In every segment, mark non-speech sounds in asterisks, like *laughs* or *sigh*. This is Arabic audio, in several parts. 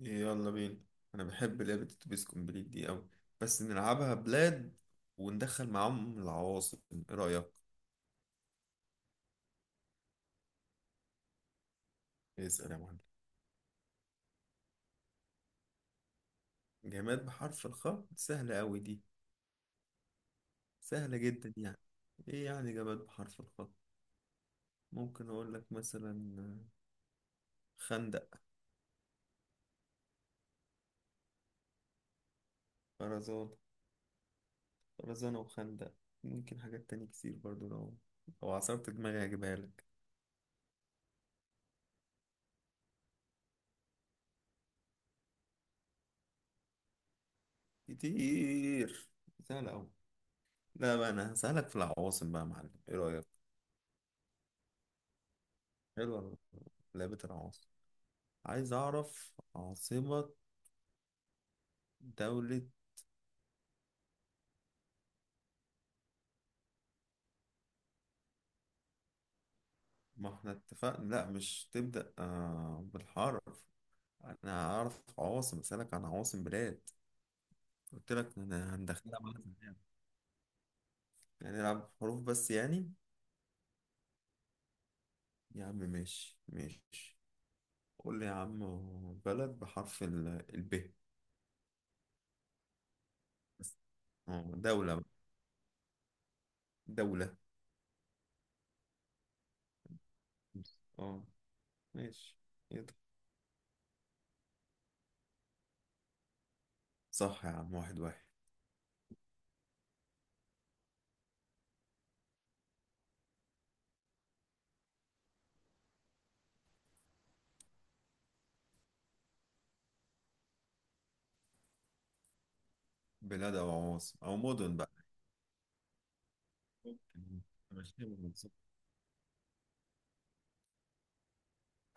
يلا بينا. انا بحب لعبة اتوبيس كومبليت دي اوي، بس نلعبها بلاد وندخل معاهم العواصم، ايه رأيك؟ اسأل يا معلم. جماد بحرف الخاء؟ سهلة اوي دي، سهلة جدا يعني. ايه يعني جماد بحرف الخاء؟ ممكن اقول لك مثلا خندق. خرزان، خرزانة وخندق. ممكن حاجات تانية كتير برضو، لو عصرت دماغي هجيبها لك. كتير، سهلة اوي. لا بقى، انا هسألك في العواصم بقى يا معلم، ايه رأيك؟ حلوة لعبة العواصم. عايز أعرف عاصمة دولة. ما احنا اتفقنا لا، مش تبدأ بالحرف. أنا هعرف عواصم، أسألك عن عواصم بلاد. قلت لك أنا هندخلها مثلا يعني، يعني نلعب حروف بس يعني. يا عم ماشي ماشي، قول لي يا عم، بلد بحرف ال، الب. بس. اه، دولة بقى. دولة. اه، ماشي. يلا. صح يا عم، واحد واحد. بلاد أو عواصم أو مدن بقى. ممكن. ماشي،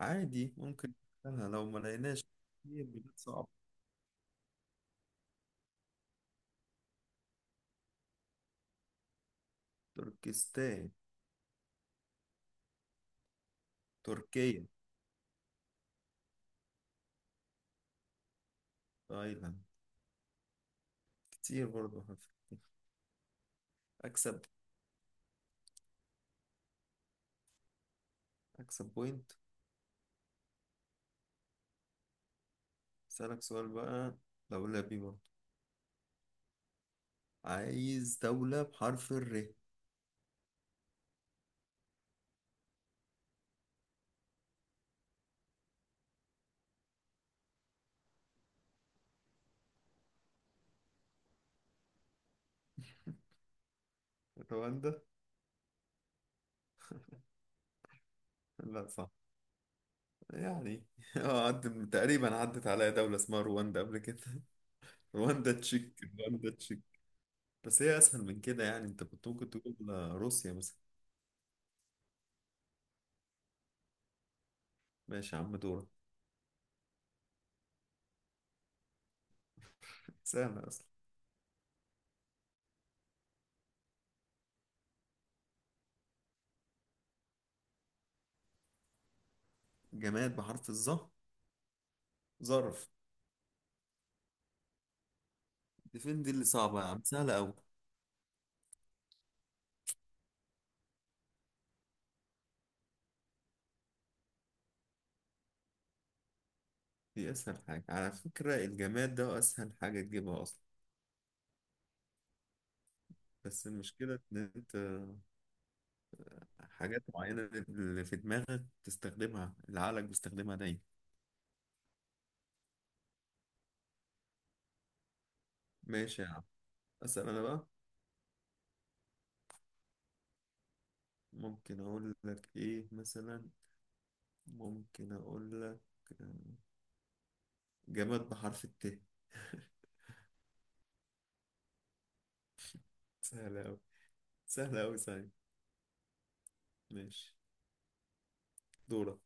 عادي ممكن. نسألها لو ما لقيناش، كتير بلاد صعبة. تركستان، تركيا، تايلاند. كتير برضه. أكسب أكسب بوينت. أسألك سؤال بقى، دولة بي برضه، عايز دولة بحرف الر. رواندا؟ لا صح، يعني *laughs* اه عدت، تقريبا عدت عليا دولة اسمها رواندا قبل كده *laughs* رواندا تشيك رواندا تشيك، بس هي أسهل من كده يعني، أنت كنت ممكن تقول روسيا مثلا. ماشي يا عم، دورك. سهلة أصلا. جماد بحرف الظهر؟ ظرف. ديفين دي اللي صعبة يا عم، سهلة أوي. دي أسهل حاجة على فكرة، الجماد ده أسهل حاجة تجيبها أصلا. بس المشكلة إن أنت حاجات معينة، اللي في دماغك تستخدمها، اللي عقلك بيستخدمها دايما. ماشي يا عم، أسأل أنا بقى. ممكن أقول لك إيه مثلا، ممكن أقول لك آه، جماد بحرف الت *laughs* سهلة أوي، سهلة أوي، سهلة. ماشي، دورك.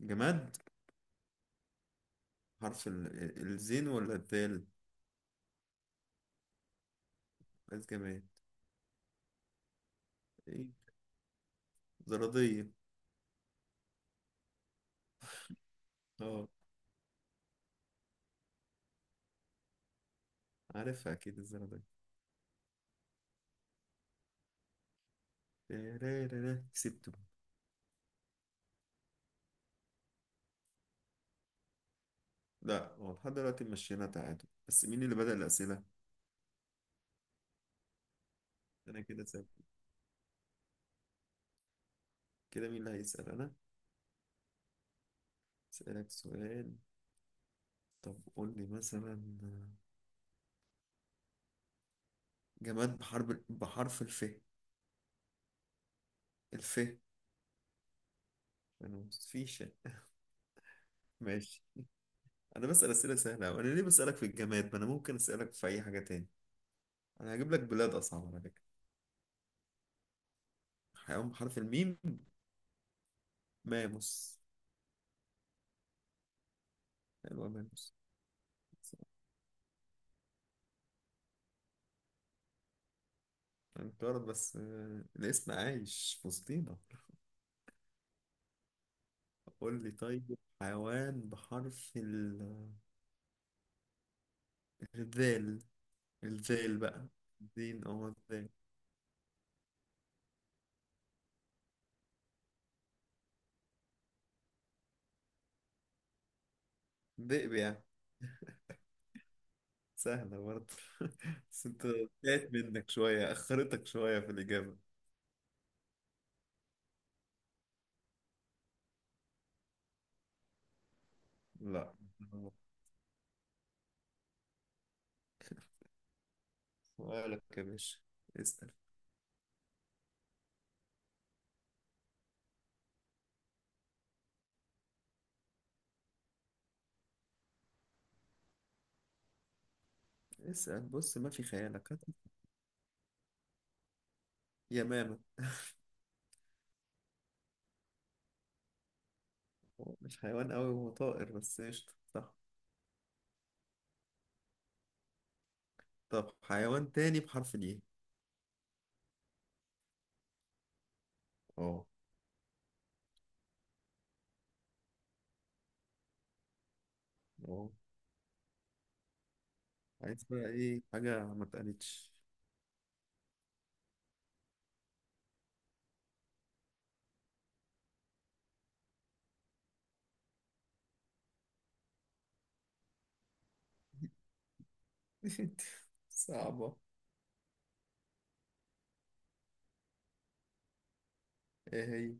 جماد، الزين ولا الدال؟ عايز جماد، إيه، زرادية. اه، عارفها اكيد الزرع ده. تيريريري، كسبته. لا، هو لحد دلوقتي مشينا تعادل، بس مين اللي بدأ الأسئلة؟ انا كده سابق، كده مين اللي هيسأل؟ انا اسألك سؤال. طب قول لي مثلا، جماد بحرف الف. الف، انا فيش. ماشي، انا بسأل أسئلة سهلة، وانا ليه بسألك في الجماد؟ ما انا ممكن أسألك في اي حاجة تاني، انا هجيب لك بلاد اصعب على فكرة. حيوان بحرف الميم؟ ماموس. حلوة ماموس. انقرض، بس الاسم عايش في وسطينا. قول لي طيب، الذال، الذال بقى. الدين أو الذال؟ ذئب يعني. سهلة برضه *laughs* بس أنت تعبت منك شوية، أخرتك شوية في الإجابة. لا، سؤالك يا باشا، اسأل. اسأل، بص، ما في خيالك هات. يمامة. هو مش حيوان أوي، هو طائر، بس قشطة، صح. طب حيوان تاني بحرف الإيه؟ أه، أه. عايز بقى إيه حاجة ما اتقالتش *laughs* صعبة. إيه هي؟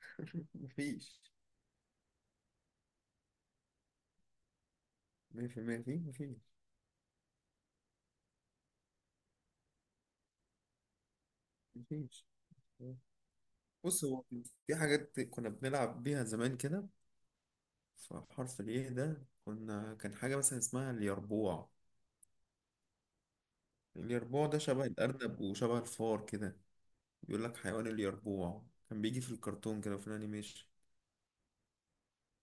*laughs* مفيش، مفيش، مفيش، مفيش، مفيش. بص هو، في حاجات كنا بنلعب بيها زمان كده، فحرف الايه ده كنا، كان حاجة مثلا اسمها اليربوع. اليربوع ده شبه الأرنب وشبه الفار كده. بيقول لك حيوان، اليربوع كان بيجي في الكرتون كده وفي الأنيميشن.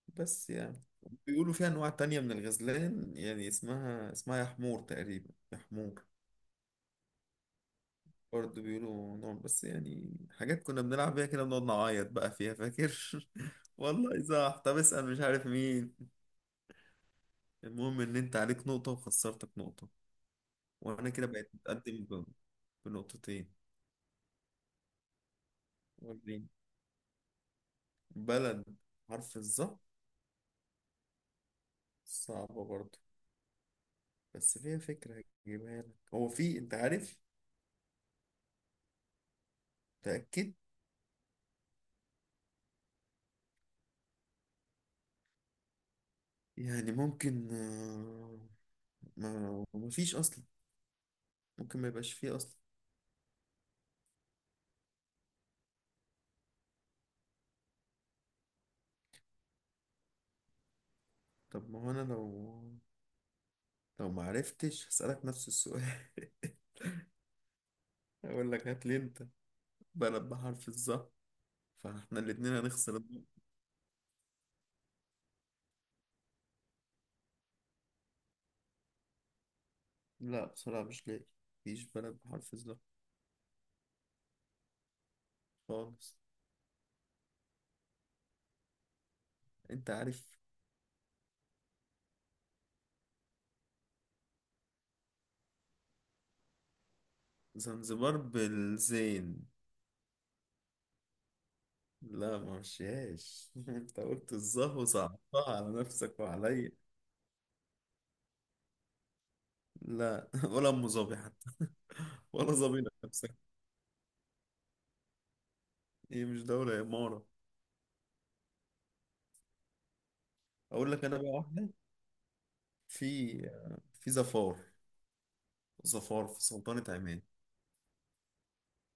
بس يعني، بيقولوا فيها أنواع تانية من الغزلان يعني، اسمها يا حمور تقريبا، يا حمور. برضه بيقولوا نار، بس يعني حاجات كنا بنلعب بيها كده، بنقعد نعيط بقى فيها، فاكر *laughs* والله صح. طب اسأل، مش عارف مين. المهم ان انت عليك نقطة، وخسرتك نقطة، وانا كده بقيت متقدم بنقطتين. وريني. بلد حرف الظا، صعبة برضه، بس فيها فكرة هجيبها لك. هو في، انت عارف؟ تأكد. يعني ممكن ما فيش اصلا، ممكن ما يبقاش فيه اصلا. طب ما هو انا لو، لو ما عرفتش هسألك نفس السؤال *laughs* أقول لك، هات لي أنت بلد بحرف الظهر، فاحنا الاتنين هنخسر النقطة. لا بصراحة مش لاقي، مفيش بلد بحرف الظهر خالص. أنت عارف؟ زنزبار بالزين. لا ما مشيهاش *laughs* أنت قلت الظه وصعبتها على نفسك وعليا. لا *laughs* ولا أم ظبي حتى. ولا ظبي نفسك. هي مش دولة، هي إمارة. أقول لك أنا بقى واحدة، في في ظفار، ظفار في سلطنة عمان.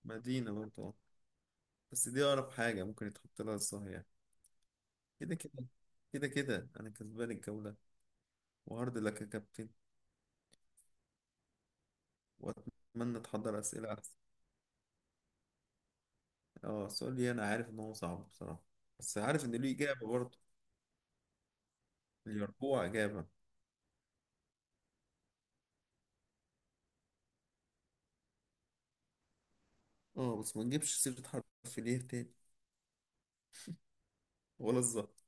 مدينة برضه، بس دي أقرب حاجة ممكن يتحط لها الصهية. كده كده، كده كده أنا كسبان الجولة. وهارد لك يا كابتن، وأتمنى تحضر أسئلة أحسن. أه السؤال ليه؟ أنا عارف إن هو صعب بصراحة، بس عارف إن ليه إجابة برضه. اليربوع إجابة. أه بس ما نجيبش سيرة حرف ليه تاني، ولا الظهر.